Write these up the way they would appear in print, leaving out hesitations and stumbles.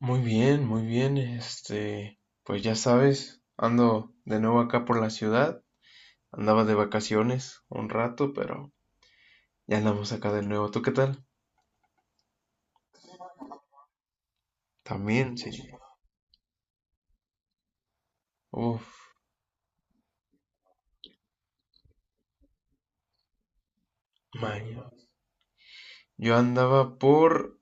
Muy bien, muy bien. Pues ya sabes, ando de nuevo acá por la ciudad. Andaba de vacaciones un rato, pero ya andamos acá de nuevo. ¿Tú qué tal? También, sí. Uf, man. Yo andaba por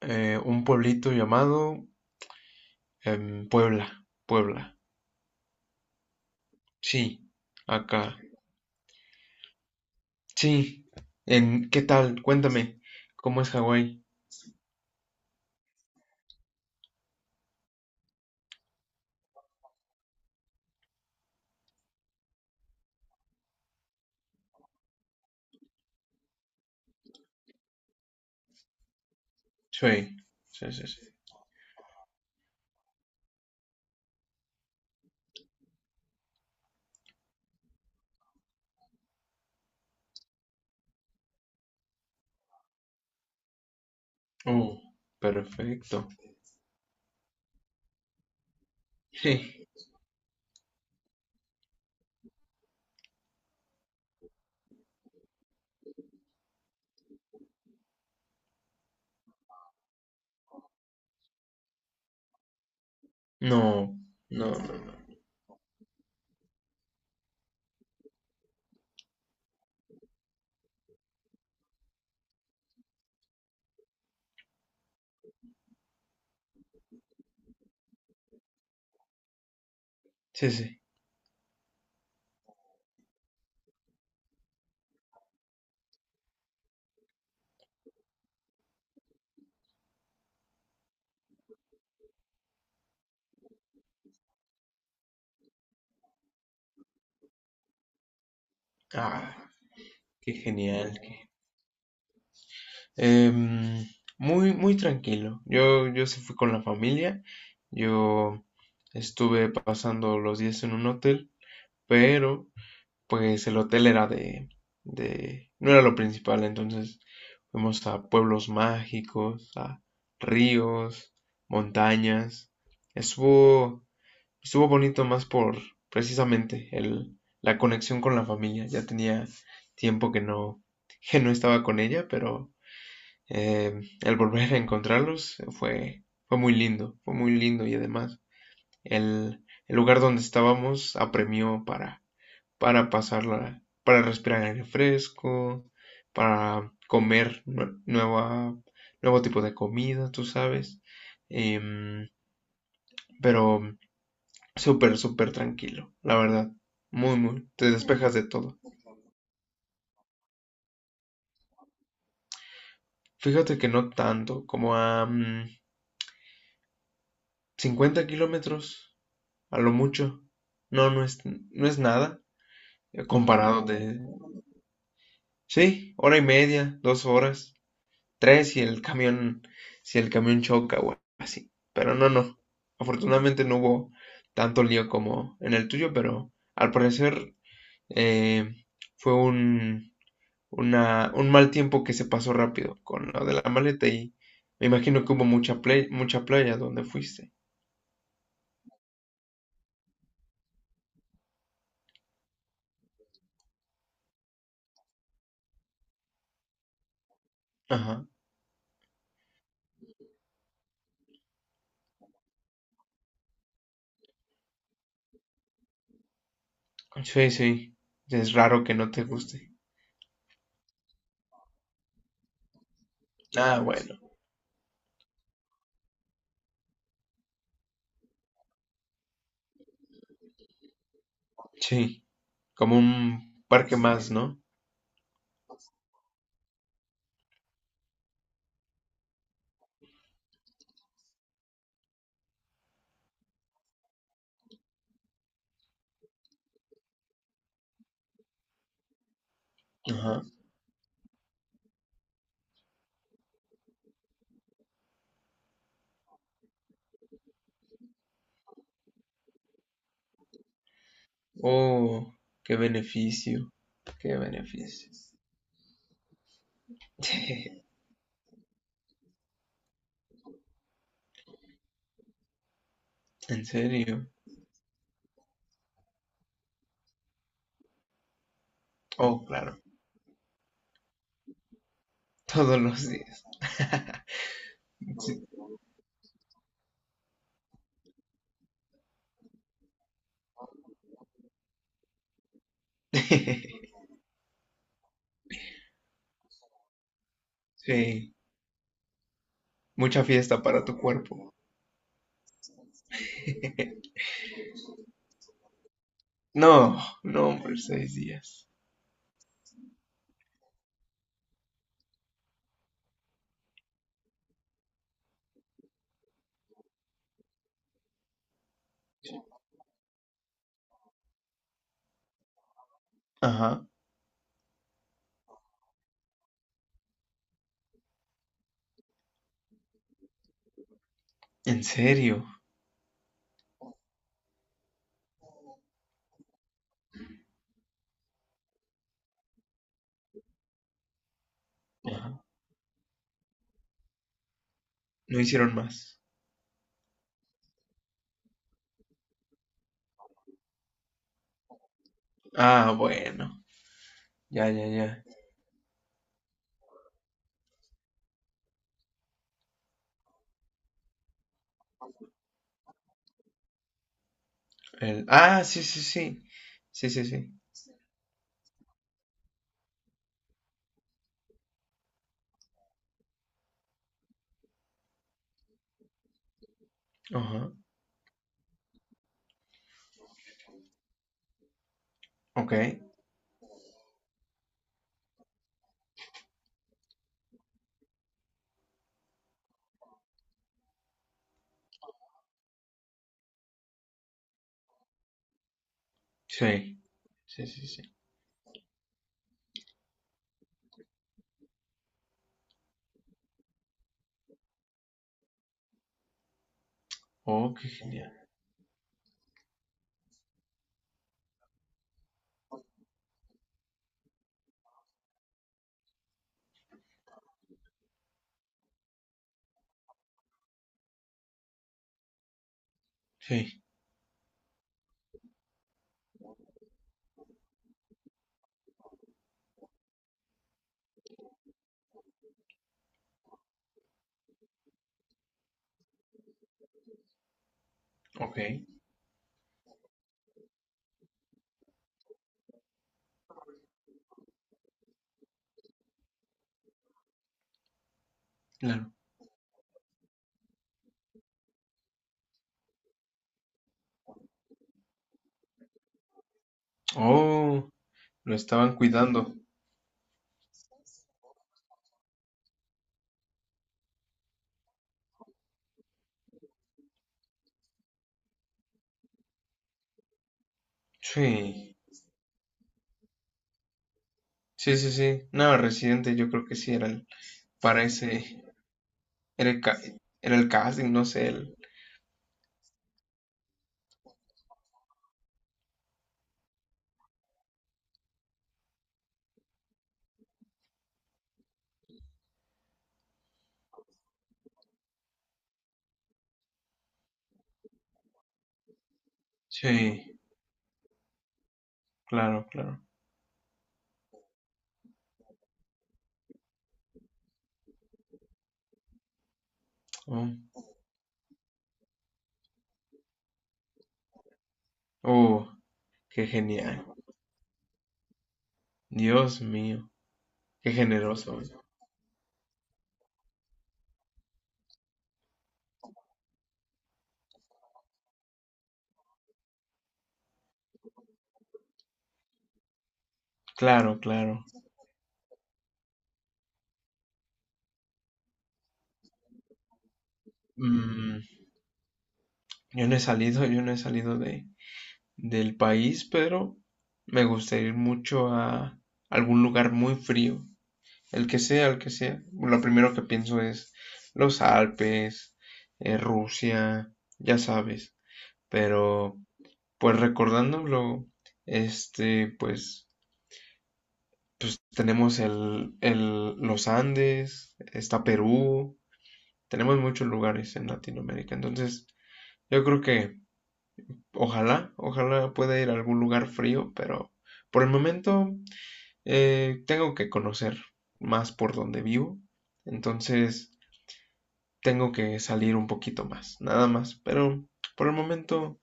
un pueblito llamado Puebla, Puebla. Sí, acá. Sí. ¿Qué tal? Cuéntame, ¿cómo es Hawái? Sí, sí, sí, sí. Uh, perfecto. Sí. No, no, no. Sí, sí. Ah, qué genial. Em, muy, muy tranquilo. Yo sí fui con la familia. Yo estuve pasando los días en un hotel, pero pues el hotel era no era lo principal. Entonces fuimos a pueblos mágicos, a ríos, montañas. Estuvo, Estuvo bonito más por, precisamente, la conexión con la familia. Ya tenía tiempo que no estaba con ella, pero el volver a encontrarlos fue, fue muy lindo y además el lugar donde estábamos apremió para pasarla, para respirar aire fresco, para comer nueva, nuevo tipo de comida, tú sabes. Em, pero súper, súper tranquilo, la verdad. Muy, muy. Te despejas de todo. Fíjate que no tanto, como a 50 kilómetros, a lo mucho. No, no es nada comparado de... Sí, hora y media, dos horas, tres si el camión, si el camión choca o así. Pero no, no. Afortunadamente no hubo tanto lío como en el tuyo, pero al parecer eh, fue un mal tiempo que se pasó rápido con lo de la maleta y me imagino que hubo mucha playa donde fuiste. Ajá. Sí, sí. Es raro que no te guste. Ah, bueno. Sí, como un parque más, ¿no? Ajá. Oh, qué beneficio. Qué beneficio. En serio. Oh, claro. Todos los días. Sí. Sí, mucha fiesta para tu cuerpo. No, no, hombre, seis días. Ajá. ¿En serio? Ajá. No hicieron más. Ah, bueno. Ya, ya, ya. El... Ah, sí, sí, sí. Sí, sí, sí. Ajá. Ok. Sí. Sí, sí, sí. Oh, qué genial. Sí. Ok. Claro. Oh, lo estaban cuidando. Sí. Sí, sí, sí. No, Residente yo creo que sí era el... Para ese... Era era el casting, no sé. El... Sí. Claro, claro. Oh. oh, qué genial. Dios mío. Qué generoso. Claro, claro. Mm, yo no he salido de, del país, pero me gustaría ir mucho a algún lugar muy frío, el que sea, el que sea. Lo primero que pienso es los Alpes, Rusia, ya sabes. Pero, pues recordándolo, este, pues, pues tenemos los Andes, está Perú, tenemos muchos lugares en Latinoamérica. Entonces, yo creo que ojalá, ojalá pueda ir a algún lugar frío, pero por el momento tengo que conocer más por donde vivo, entonces tengo que salir un poquito más, nada más, pero por el momento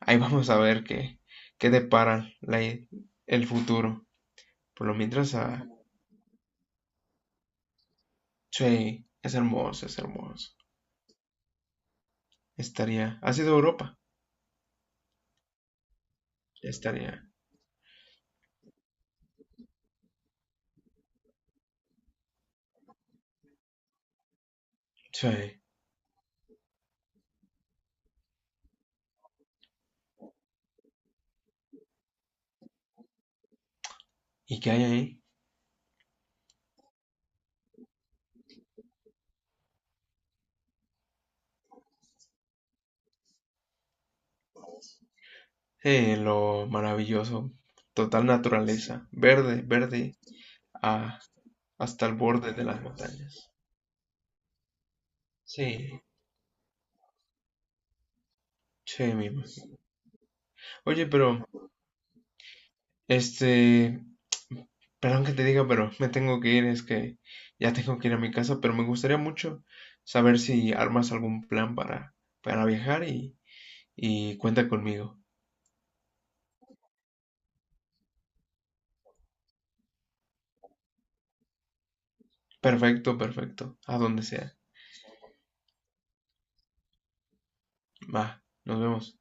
ahí vamos a ver qué, qué depara el futuro. Por lo mientras, ah, sí, es hermoso, es hermoso. Estaría, ha sido Europa, estaría, sí. ¿Y qué hay ahí? Lo maravilloso, total naturaleza, verde, verde, ah, hasta el borde de las montañas. Sí, che, mi Oye, pero, este, perdón que te diga, pero me tengo que ir, es que ya tengo que ir a mi casa, pero me gustaría mucho saber si armas algún plan para viajar y cuenta conmigo. Perfecto, perfecto, a donde sea. Va, nos vemos.